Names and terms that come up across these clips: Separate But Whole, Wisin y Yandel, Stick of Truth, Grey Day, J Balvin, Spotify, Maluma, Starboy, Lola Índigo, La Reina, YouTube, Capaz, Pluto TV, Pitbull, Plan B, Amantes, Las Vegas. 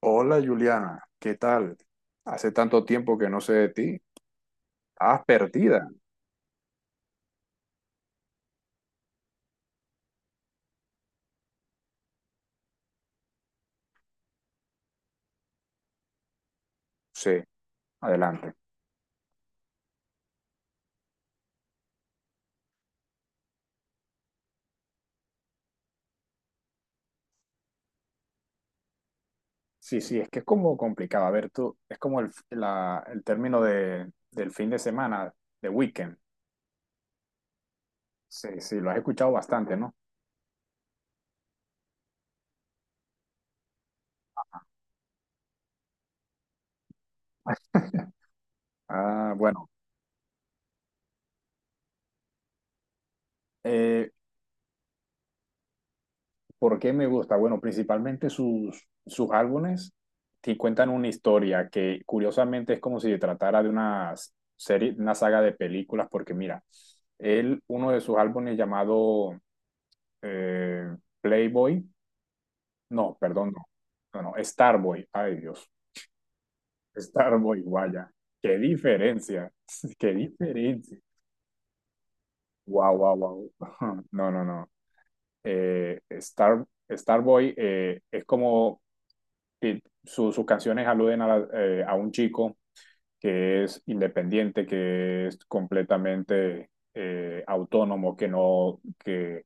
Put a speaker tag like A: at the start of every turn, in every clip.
A: Hola Juliana, ¿qué tal? Hace tanto tiempo que no sé de ti. ¿Estabas perdida? Sí, adelante. Sí, sí, es que es como complicado. A ver, tú, es como el término de, del fin de semana, de weekend. Sí, sí, lo has escuchado bastante, ¿no? Ah, bueno. Eh, ¿Por qué me gusta? Bueno, principalmente sus álbumes te cuentan una historia que curiosamente es como si se tratara de una serie, una saga de películas. Porque mira, él, uno de sus álbumes llamado Playboy, no, perdón, no, no, no, Starboy, ay Dios, Starboy, vaya, qué diferencia, qué diferencia, wow, wow, wow, no, no, no. Starboy es como, sus canciones aluden a, a un chico que es independiente, que es completamente autónomo, que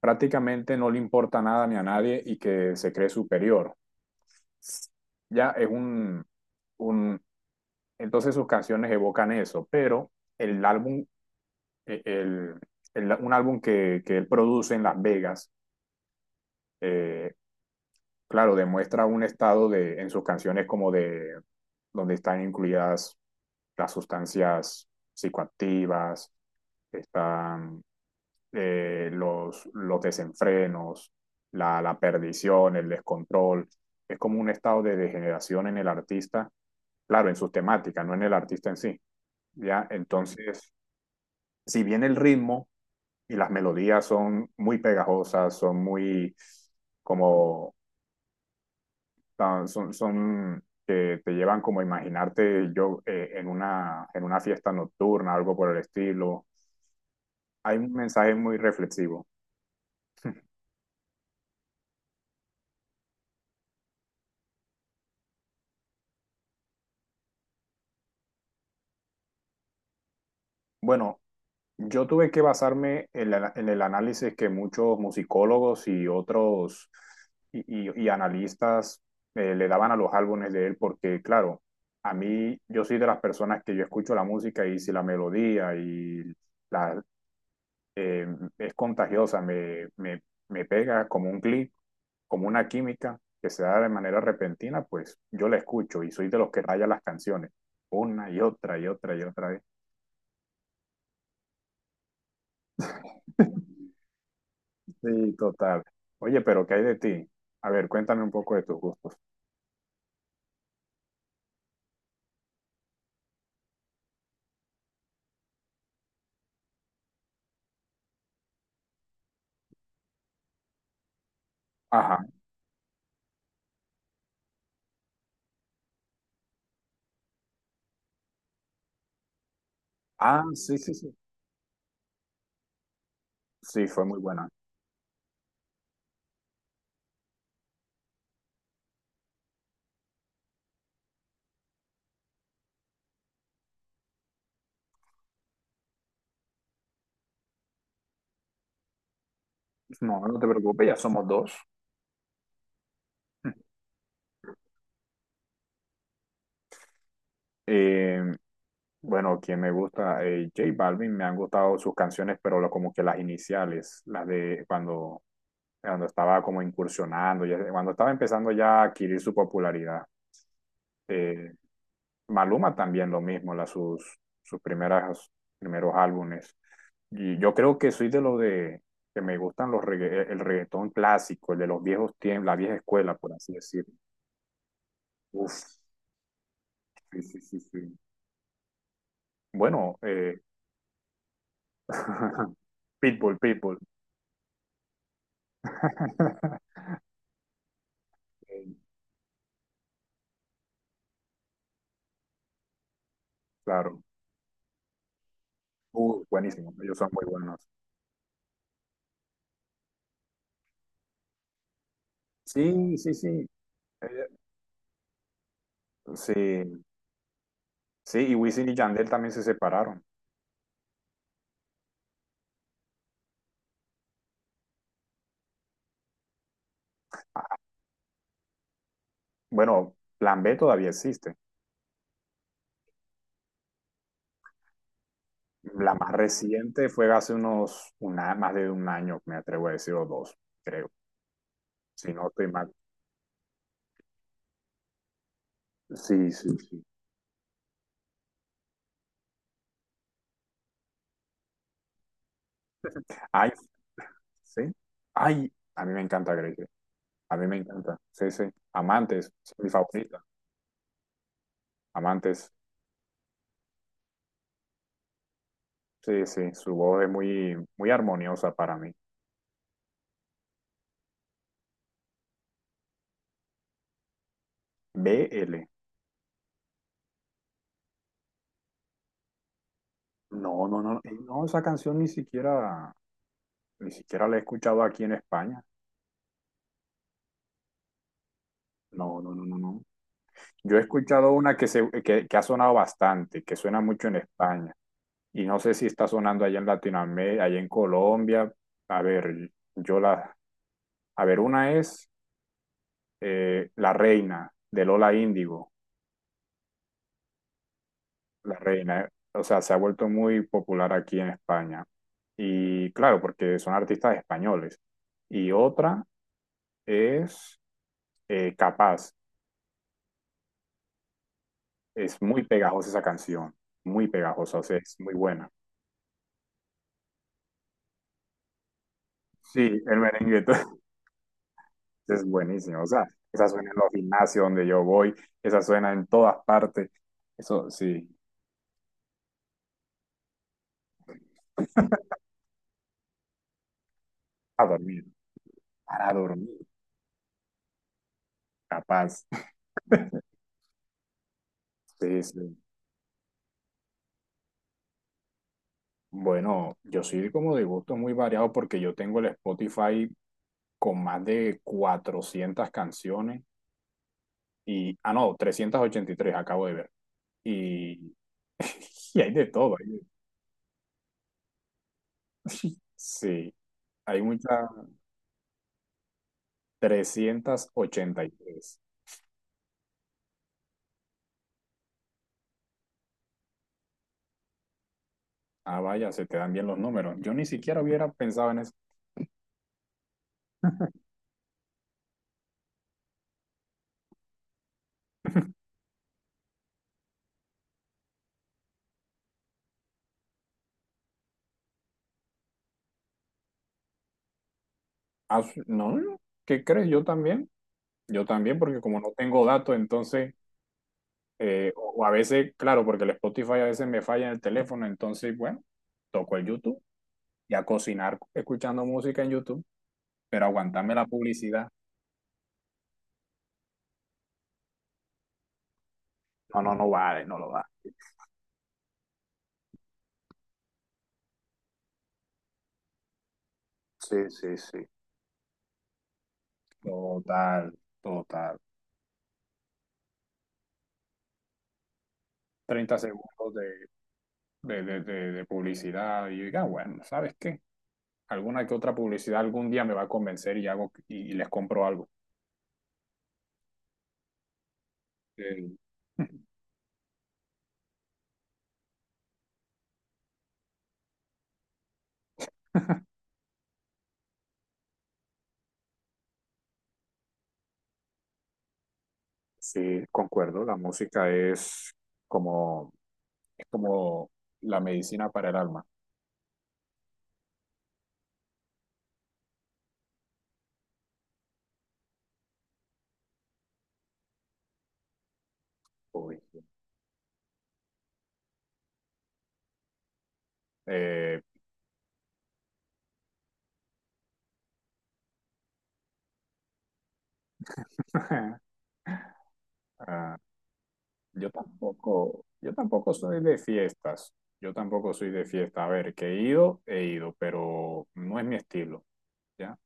A: prácticamente no le importa nada ni a nadie y que se cree superior. Ya es un, un- Entonces sus canciones evocan eso, pero el álbum, eh, el, un álbum que él produce en Las Vegas, eh, claro, demuestra un estado de, en sus canciones, como de donde están incluidas las sustancias psicoactivas. Están los desenfrenos, la perdición, el descontrol. Es como un estado de degeneración en el artista, claro, en sus temáticas, no en el artista en sí, ¿ya? Entonces, si bien el ritmo y las melodías son muy pegajosas, son muy como, ah, son que te llevan como a imaginarte yo en una fiesta nocturna, algo por el estilo, hay un mensaje muy reflexivo. Bueno, yo tuve que basarme en, en el análisis que muchos musicólogos y otros y analistas le daban a los álbumes de él, porque claro, a mí, yo soy de las personas que yo escucho la música y si la melodía y la, eh, es contagiosa, me pega como un clic, como una química que se da de manera repentina, pues yo la escucho y soy de los que raya las canciones una y otra y otra y otra vez. Sí, total. Oye, pero ¿qué hay de ti? A ver, cuéntame un poco de tus gustos. Ajá. Ah, sí, sí, sí. Sí, fue muy buena. No, no te preocupes, ya somos dos. Eh, bueno, quien me gusta, J Balvin, me han gustado sus canciones, pero como que las iniciales, cuando estaba como incursionando, cuando estaba empezando ya a adquirir su popularidad. Eh, Maluma también lo mismo, las sus, sus primeras, primeros álbumes. Y yo creo que soy de los de que me gustan los el reggaetón clásico, el de los viejos tiempos, la vieja escuela, por así decirlo. Uf, sí, sí, sí, sí. Bueno, Pitbull, Pitbull. Eh, Claro. Buenísimo. Ellos son muy buenos. Sí, sí, sí. Eh, sí, sí. Y Wisin y Yandel también se separaron. Bueno, Plan B todavía existe. La más reciente fue hace más de un año, me atrevo a decir, o dos, creo. Si no estoy mal. Sí, sí, sí. Ay, sí. Ay, a mí me encanta Grey Day. A mí me encanta. Sí, sí. Amantes, es mi favorita. Amantes. Sí, sí. Su voz es muy, muy armoniosa para mí. B L. No, no, no. No, esa canción ni siquiera, ni siquiera la he escuchado aquí en España. No, no, no, no, no. Yo he escuchado una que ha sonado bastante, que suena mucho en España. Y no sé si está sonando allá en Latinoamérica, allá en Colombia. A ver, yo la, una es La Reina, de Lola Índigo. La Reina, eh, o sea, se ha vuelto muy popular aquí en España. Y claro, porque son artistas españoles. Y otra es Capaz, es muy pegajosa esa canción, muy pegajosa, o sea, es muy buena. Sí, el merengue es buenísimo, o sea, esa suena en los gimnasios donde yo voy, esa suena en todas partes, eso sí, a dormir, para dormir, capaz. Sí, sí. Bueno, yo soy como de gusto muy variado porque yo tengo el Spotify con más de 400 canciones y, ah, no, 383 acabo de ver. Y, y hay de todo. Sí, hay muchas 383. Ah, vaya, se te dan bien los números. Yo ni siquiera hubiera pensado en eso. Ah, no, no, ¿qué crees? Yo también. Yo también, porque como no tengo datos, entonces o a veces, claro, porque el Spotify a veces me falla en el teléfono, entonces, bueno, toco el YouTube y a cocinar escuchando música en YouTube, pero aguantarme la publicidad, no, no, no vale, no lo da. Sí, sí, sí. Total, total. 30 segundos de, de publicidad y yo diga: "Ah, bueno, ¿sabes qué? Alguna que otra publicidad algún día me va a convencer y hago y les compro algo. Eh, Sí, concuerdo, la música es como como la medicina para el alma. Uy, eh, ah, yo tampoco soy de fiestas. Yo tampoco soy de fiesta. A ver, que he ido, pero no es mi estilo, ¿ya?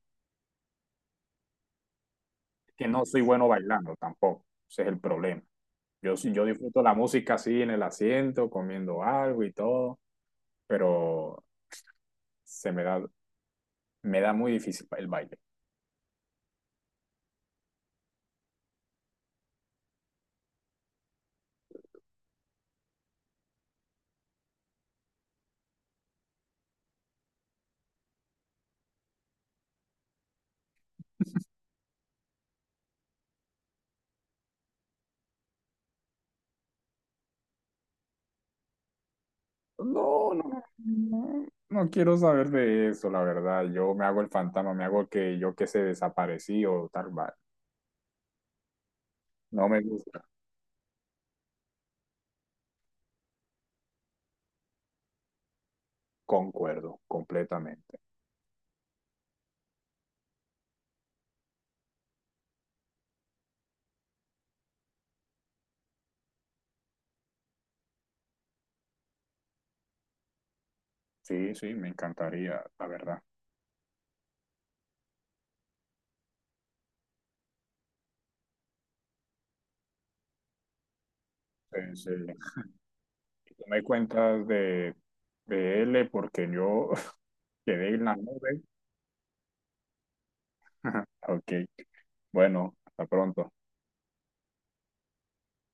A: Que no soy bueno bailando tampoco. Ese es el problema. Yo disfruto la música así en el asiento, comiendo algo y todo, pero se me da, me da muy difícil el baile. No, no, no, no quiero saber de eso, la verdad. Yo me hago el fantasma, me hago el que yo que se desaparecí o tal, va. No me gusta. Concuerdo completamente. Sí, sí, me encantaría, la verdad. Sí, sí. Tú me cuentas de L porque yo quedé en la nube. Ok, bueno, hasta pronto.